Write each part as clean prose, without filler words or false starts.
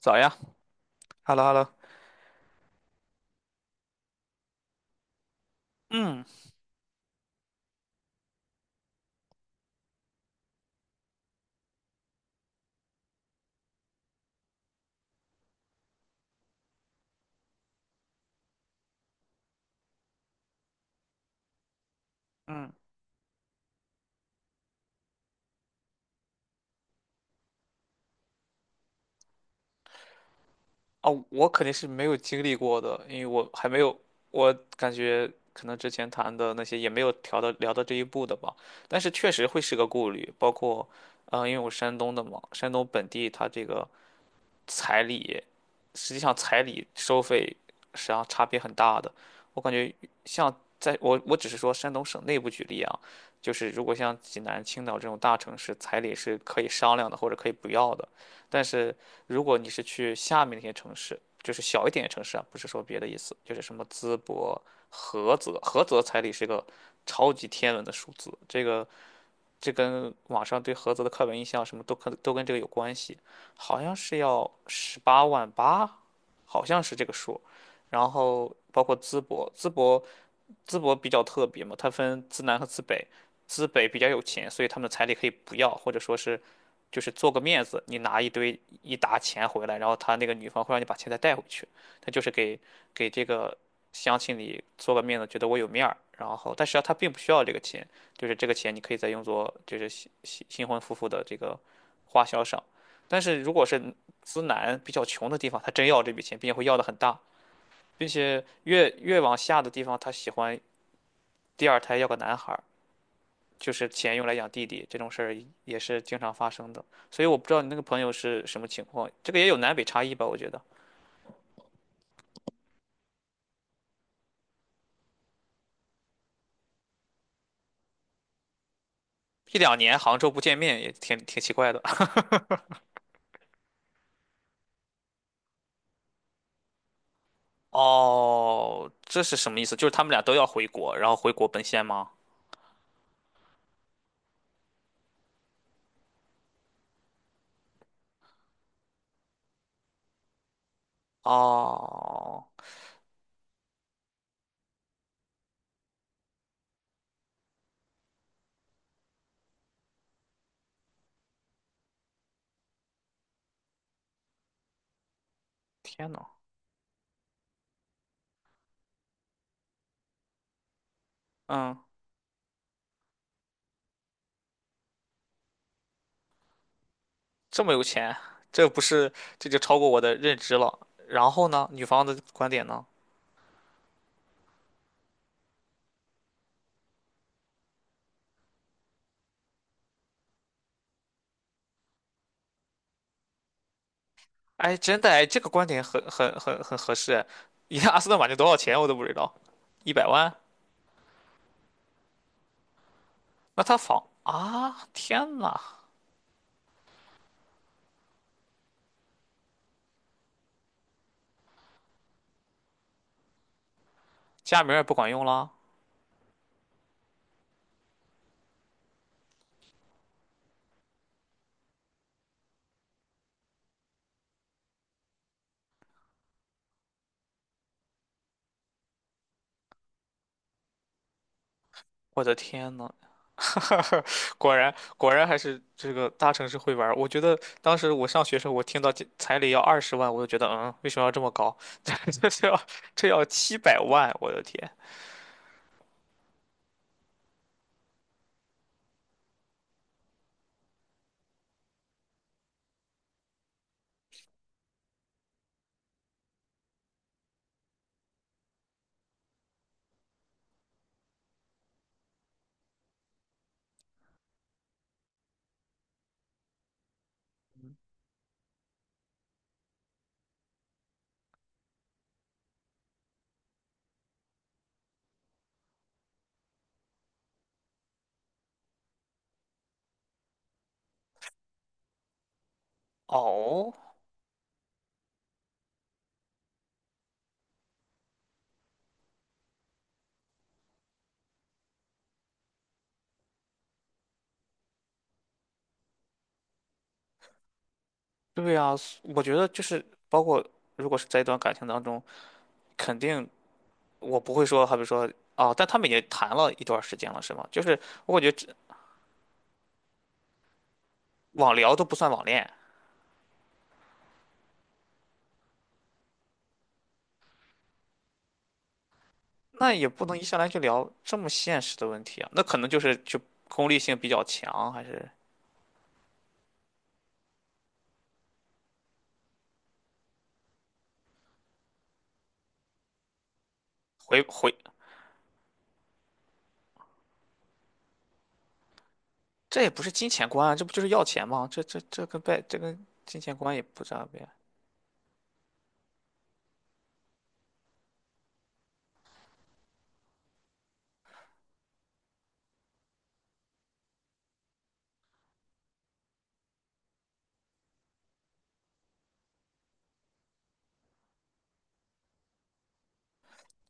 咋样。哈喽哈喽，嗯嗯。哦，我肯定是没有经历过的，因为我还没有，我感觉可能之前谈的那些也没有聊到这一步的吧，但是确实会是个顾虑，包括，因为我山东的嘛，山东本地它这个彩礼，实际上彩礼收费实际上差别很大的。我感觉像我只是说山东省内部举例啊，就是如果像济南、青岛这种大城市，彩礼是可以商量的或者可以不要的。但是如果你是去下面那些城市，就是小一点的城市啊，不是说别的意思，就是什么淄博、菏泽，菏泽彩礼是个超级天文的数字。这个。这跟网上对菏泽的刻板印象什么都跟这个有关系。好像是要18.8万，好像是这个数。然后包括淄博，淄博比较特别嘛，它分淄南和淄北，淄北比较有钱，所以他们的彩礼可以不要，或者说是就是做个面子，你拿一堆一沓钱回来，然后他那个女方会让你把钱再带回去，他就是给这个乡亲里做个面子，觉得我有面儿，然后但实际上他并不需要这个钱，就是这个钱你可以再用作就是新婚夫妇的这个花销上。但是如果是资南比较穷的地方，他真要这笔钱，并且会要的很大，并且越往下的地方，他喜欢第二胎要个男孩儿，就是钱用来养弟弟，这种事儿也是经常发生的。所以我不知道你那个朋友是什么情况，这个也有南北差异吧？我觉得一两年杭州不见面也挺奇怪的。哦，这是什么意思？就是他们俩都要回国，然后回国奔现吗？哦，天呐。嗯，这么有钱，这不是，这就超过我的认知了。然后呢，女方的观点呢？哎，真的哎，这个观点很合适。你看，阿斯顿马丁多少钱我都不知道，100万？那他仿啊！天呐，加名儿也不管用了。我的天呐。果然还是这个大城市会玩儿。我觉得当时我上学时候，我听到这彩礼要20万，我就觉得为什么要这么高？这这要这要700万，我的天！哦，对呀，我觉得就是包括如果是在一段感情当中，肯定我不会说，好比说啊，但他们已经谈了一段时间了，是吗？就是我感觉这网聊都不算网恋，那也不能一上来就聊这么现实的问题啊。那可能就功利性比较强，还是回回这也不是金钱观啊，这不就是要钱吗？这跟金钱观也不沾边。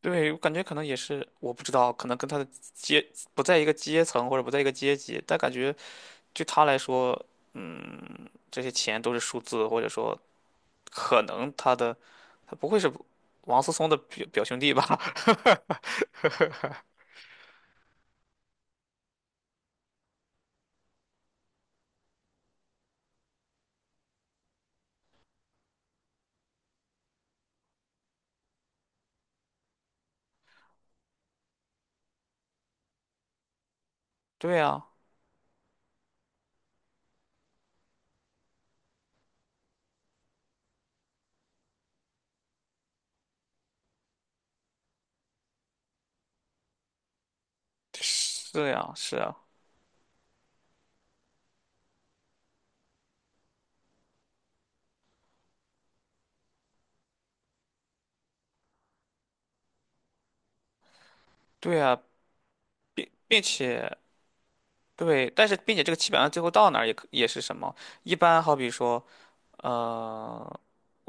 对，我感觉可能也是，我不知道，可能跟他的阶不在一个阶层或者不在一个阶级，但感觉对他来说，嗯，这些钱都是数字，或者说可能他不会是王思聪的表兄弟吧？对呀，是呀，是呀，对呀，并且对，但是并且这个七百万最后到哪儿也是什么？一般好比说。呃，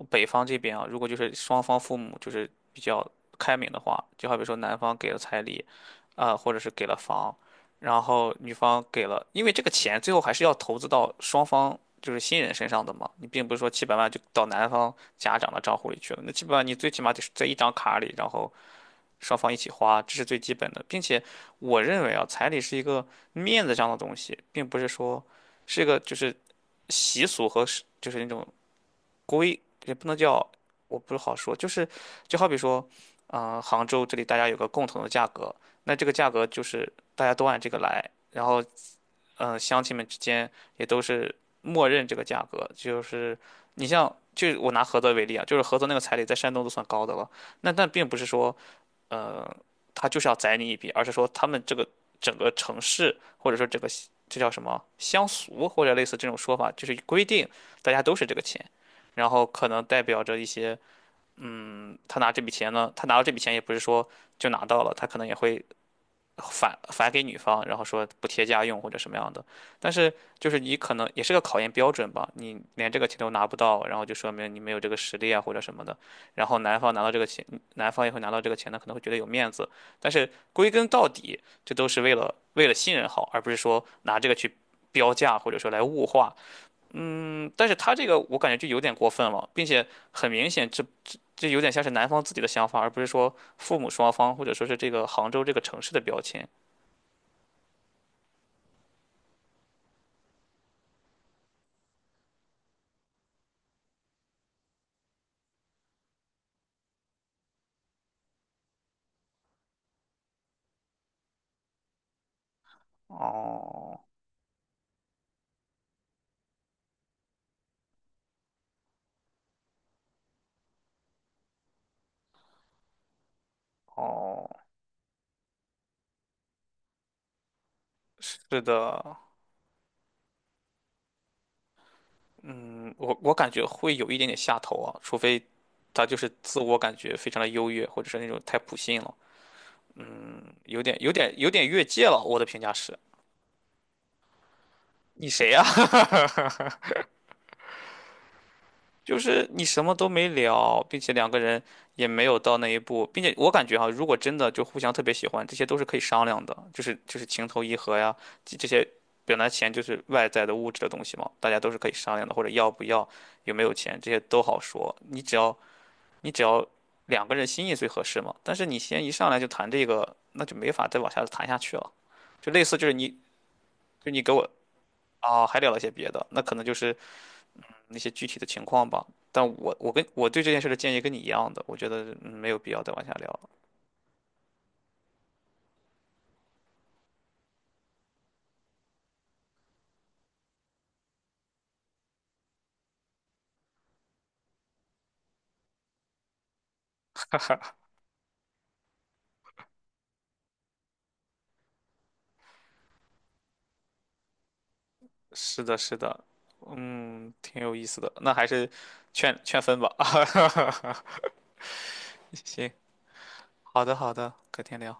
北方这边啊，如果就是双方父母就是比较开明的话，就好比说男方给了彩礼，啊、或者是给了房，然后女方给了，因为这个钱最后还是要投资到双方就是新人身上的嘛，你并不是说七百万就到男方家长的账户里去了，那七百万你最起码得是在一张卡里，然后双方一起花，这是最基本的。并且我认为啊，彩礼是一个面子上的东西，并不是说是一个就是习俗和是就是那种。规也不能叫，我不是好说，就好比说，啊、杭州这里大家有个共同的价格，那这个价格就是大家都按这个来，然后，乡亲们之间也都是默认这个价格。就是你像，就我拿菏泽为例啊，就是菏泽那个彩礼在山东都算高的了，那但并不是说。呃，他就是要宰你一笔，而是说他们这个整个城市或者说这个这叫什么乡俗或者类似这种说法，就是规定大家都是这个钱，然后可能代表着一些，他拿这笔钱呢，他拿到这笔钱也不是说就拿到了，他可能也会返给女方，然后说补贴家用或者什么样的。但是就是你可能也是个考验标准吧，你连这个钱都拿不到，然后就说明你没有这个实力啊或者什么的。然后男方拿到这个钱，男方也会拿到这个钱呢，可能会觉得有面子。但是归根到底，这都是为了信任好，而不是说拿这个去标价或者说来物化。嗯但是他这个我感觉就有点过分了，并且很明显这有点像是男方自己的想法，而不是说父母双方或者说是这个杭州这个城市的标签。哦哦，是的。嗯，我感觉会有一点点下头啊，除非他就是自我感觉非常的优越，或者是那种太普信了，有点越界了。我的评价是，你谁呀、就是你什么都没聊，并且两个人也没有到那一步，并且我感觉哈、如果真的就互相特别喜欢，这些都是可以商量的，就是情投意合呀，这些本来钱就是外在的物质的东西嘛，大家都是可以商量的，或者要不要，有没有钱，这些都好说，你只要。你只要两个人心意最合适嘛。但是你先一上来就谈这个，那就没法再往下谈下去了。就类似就是你，就你给我啊，还聊了些别的，那可能就是那些具体的情况吧。但我对这件事的建议跟你一样的，我觉得没有必要再往下聊了。是的，是的。嗯，挺有意思的。那还是劝劝分吧。行，好的，好的，改天聊。